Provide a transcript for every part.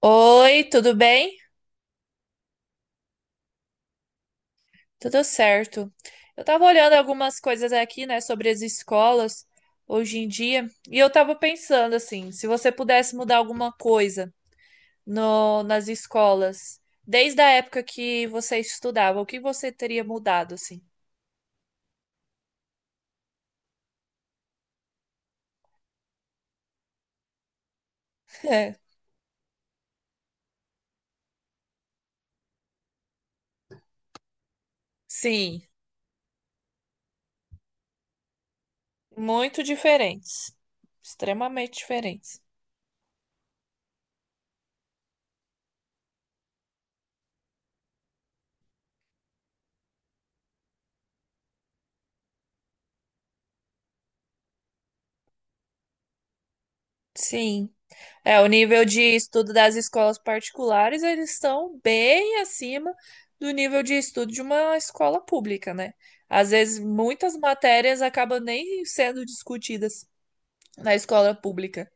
Oi, tudo bem? Tudo certo. Eu tava olhando algumas coisas aqui, né, sobre as escolas hoje em dia, e eu tava pensando assim, se você pudesse mudar alguma coisa nas escolas, desde a época que você estudava, o que você teria mudado, assim? É. Sim, muito diferentes. Extremamente diferentes. Sim. É, o nível de estudo das escolas particulares, eles estão bem acima do nível de estudo de uma escola pública, né? Às vezes, muitas matérias acabam nem sendo discutidas na escola pública.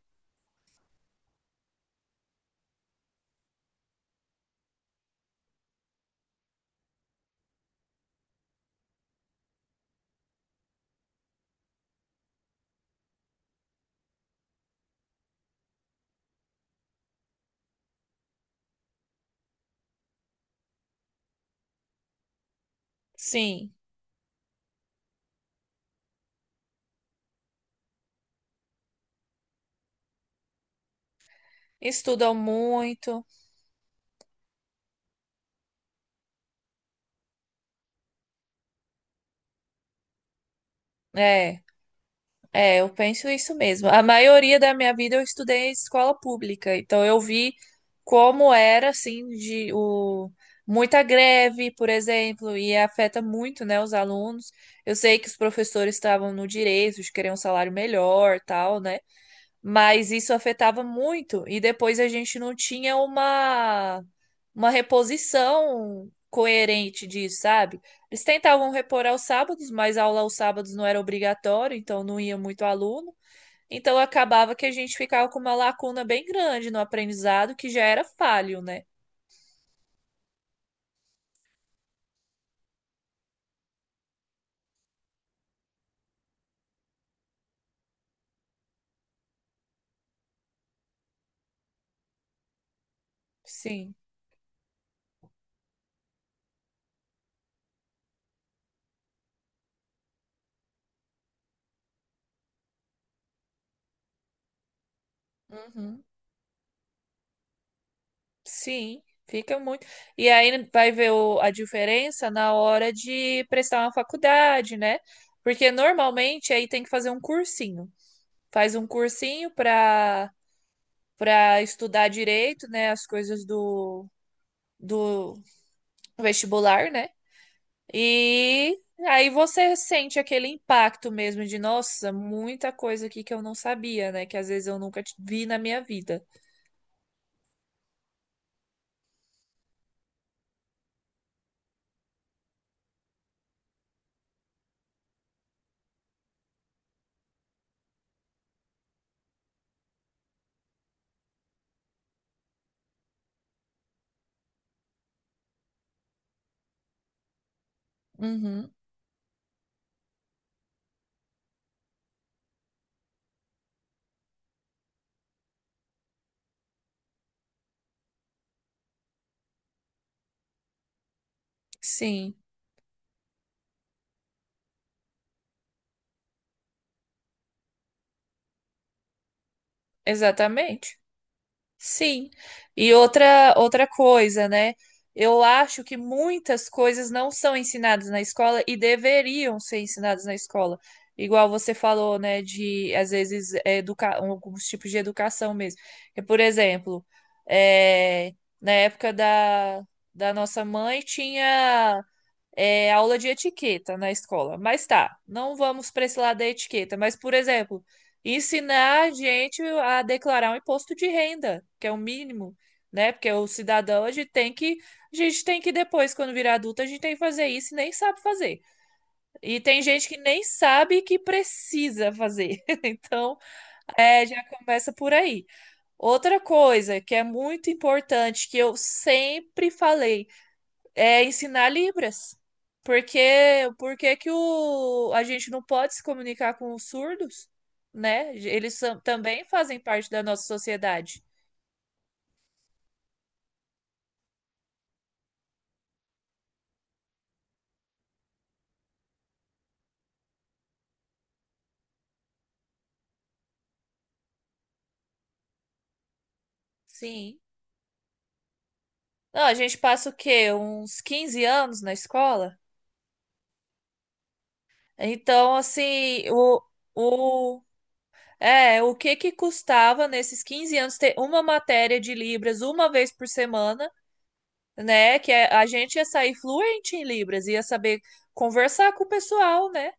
Sim, estudam muito, é. É, eu penso isso mesmo. A maioria da minha vida eu estudei em escola pública, então eu vi como era assim de o muita greve, por exemplo, e afeta muito, né, os alunos. Eu sei que os professores estavam no direito de querer um salário melhor, tal, né? Mas isso afetava muito e depois a gente não tinha uma reposição coerente disso, sabe? Eles tentavam repor aos sábados, mas a aula aos sábados não era obrigatório, então não ia muito aluno. Então acabava que a gente ficava com uma lacuna bem grande no aprendizado, que já era falho, né? Sim. Uhum. Sim, fica muito. E aí vai ver a diferença na hora de prestar uma faculdade, né? Porque normalmente aí tem que fazer um cursinho. Faz um cursinho para estudar direito, né? As coisas do vestibular, né? E aí você sente aquele impacto mesmo de, nossa, muita coisa aqui que eu não sabia, né? Que às vezes eu nunca vi na minha vida. Uhum, sim, exatamente. Sim. E outra coisa, né? Eu acho que muitas coisas não são ensinadas na escola e deveriam ser ensinadas na escola. Igual você falou, né, de às vezes educa alguns tipos de educação mesmo. Que, por exemplo, é, na época da nossa mãe tinha aula de etiqueta na escola. Mas tá, não vamos para esse lado da etiqueta. Mas, por exemplo, ensinar a gente a declarar um imposto de renda, que é o mínimo, né? Porque o cidadão, a gente tem que depois, quando virar adulto, a gente tem que fazer isso e nem sabe fazer. E tem gente que nem sabe que precisa fazer. Então, é, já começa por aí. Outra coisa que é muito importante, que eu sempre falei, é ensinar Libras. Porque, por que que a gente não pode se comunicar com os surdos, né? Também fazem parte da nossa sociedade. Sim. Não, a gente passa o quê? Uns 15 anos na escola? Então, assim, o, o que que custava nesses 15 anos ter uma matéria de Libras uma vez por semana, né? Que a gente ia sair fluente em Libras, ia saber conversar com o pessoal, né?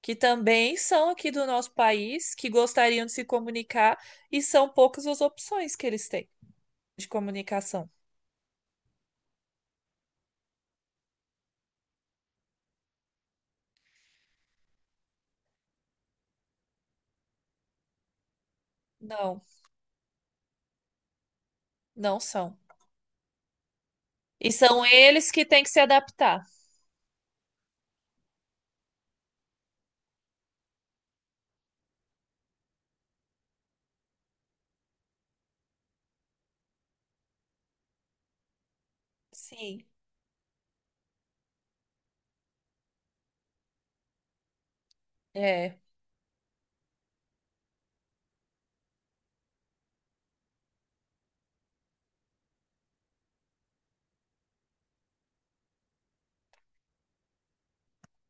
Que também são aqui do nosso país, que gostariam de se comunicar, e são poucas as opções que eles têm de comunicação. Não, não são. E são eles que têm que se adaptar. Sim. É,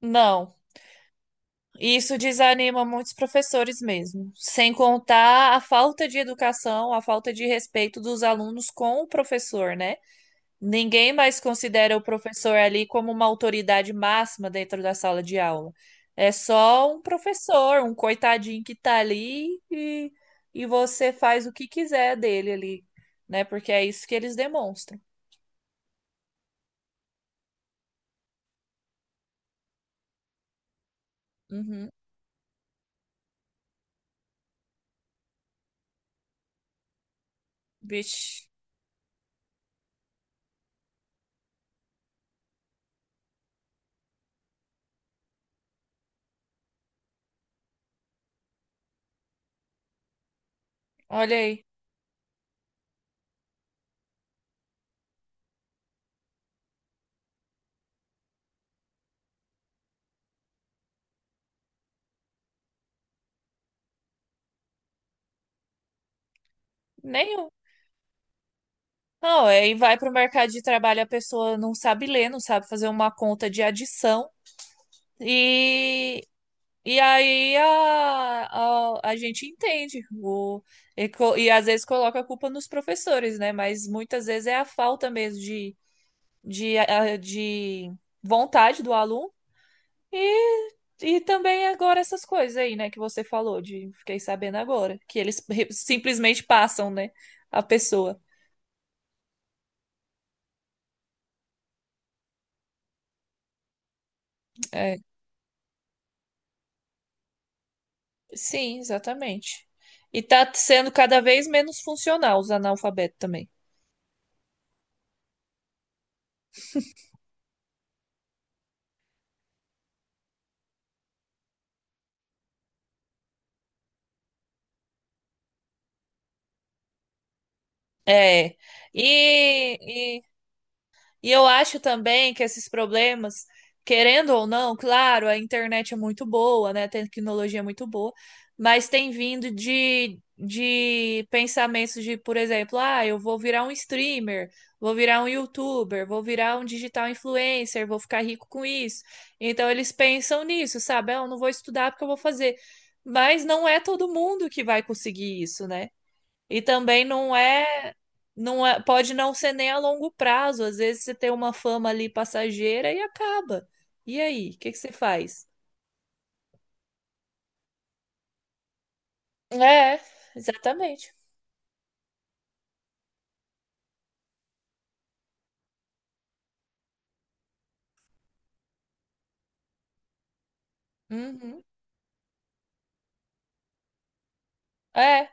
não. Isso desanima muitos professores mesmo, sem contar a falta de educação, a falta de respeito dos alunos com o professor, né? Ninguém mais considera o professor ali como uma autoridade máxima dentro da sala de aula. É só um professor, um coitadinho que tá ali e você faz o que quiser dele ali, né? Porque é isso que eles demonstram. Uhum. Vixe, olha aí. Nenhum. Não, aí vai para o mercado de trabalho, a pessoa não sabe ler, não sabe fazer uma conta de adição. E E aí a gente entende e às vezes coloca a culpa nos professores, né? Mas muitas vezes é a falta mesmo de vontade do aluno e, e também agora essas coisas aí, né, que você falou, de fiquei sabendo agora, que eles simplesmente passam, né, a pessoa. É, sim, exatamente. E tá sendo cada vez menos funcional os analfabetos também. É. E, E eu acho também que esses problemas, querendo ou não, claro, a internet é muito boa, né? A tecnologia é muito boa, mas tem vindo de pensamentos de, por exemplo, ah, eu vou virar um streamer, vou virar um youtuber, vou virar um digital influencer, vou ficar rico com isso. Então eles pensam nisso, sabe? Ah, eu não vou estudar porque eu vou fazer. Mas não é todo mundo que vai conseguir isso, né? E também não é, pode não ser nem a longo prazo. Às vezes você tem uma fama ali passageira e acaba. E aí, o que que você faz? É, exatamente. Uhum. É,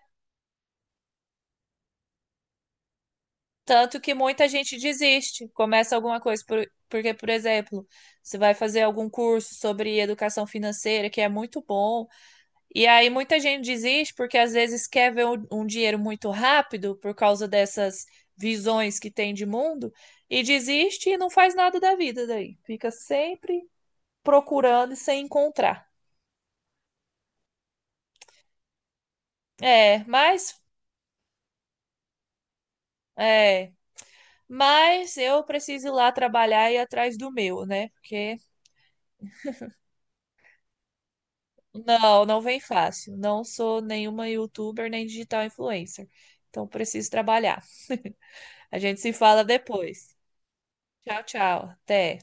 tanto que muita gente desiste, começa alguma coisa porque, por exemplo, você vai fazer algum curso sobre educação financeira que é muito bom. E aí muita gente desiste porque às vezes quer ver um dinheiro muito rápido por causa dessas visões que tem de mundo e desiste e não faz nada da vida daí. Fica sempre procurando e sem encontrar. É, mas é, mas eu preciso ir lá trabalhar e ir atrás do meu, né? Porque não, não vem fácil. Não sou nenhuma youtuber nem digital influencer. Então preciso trabalhar. A gente se fala depois. Tchau, tchau. Até.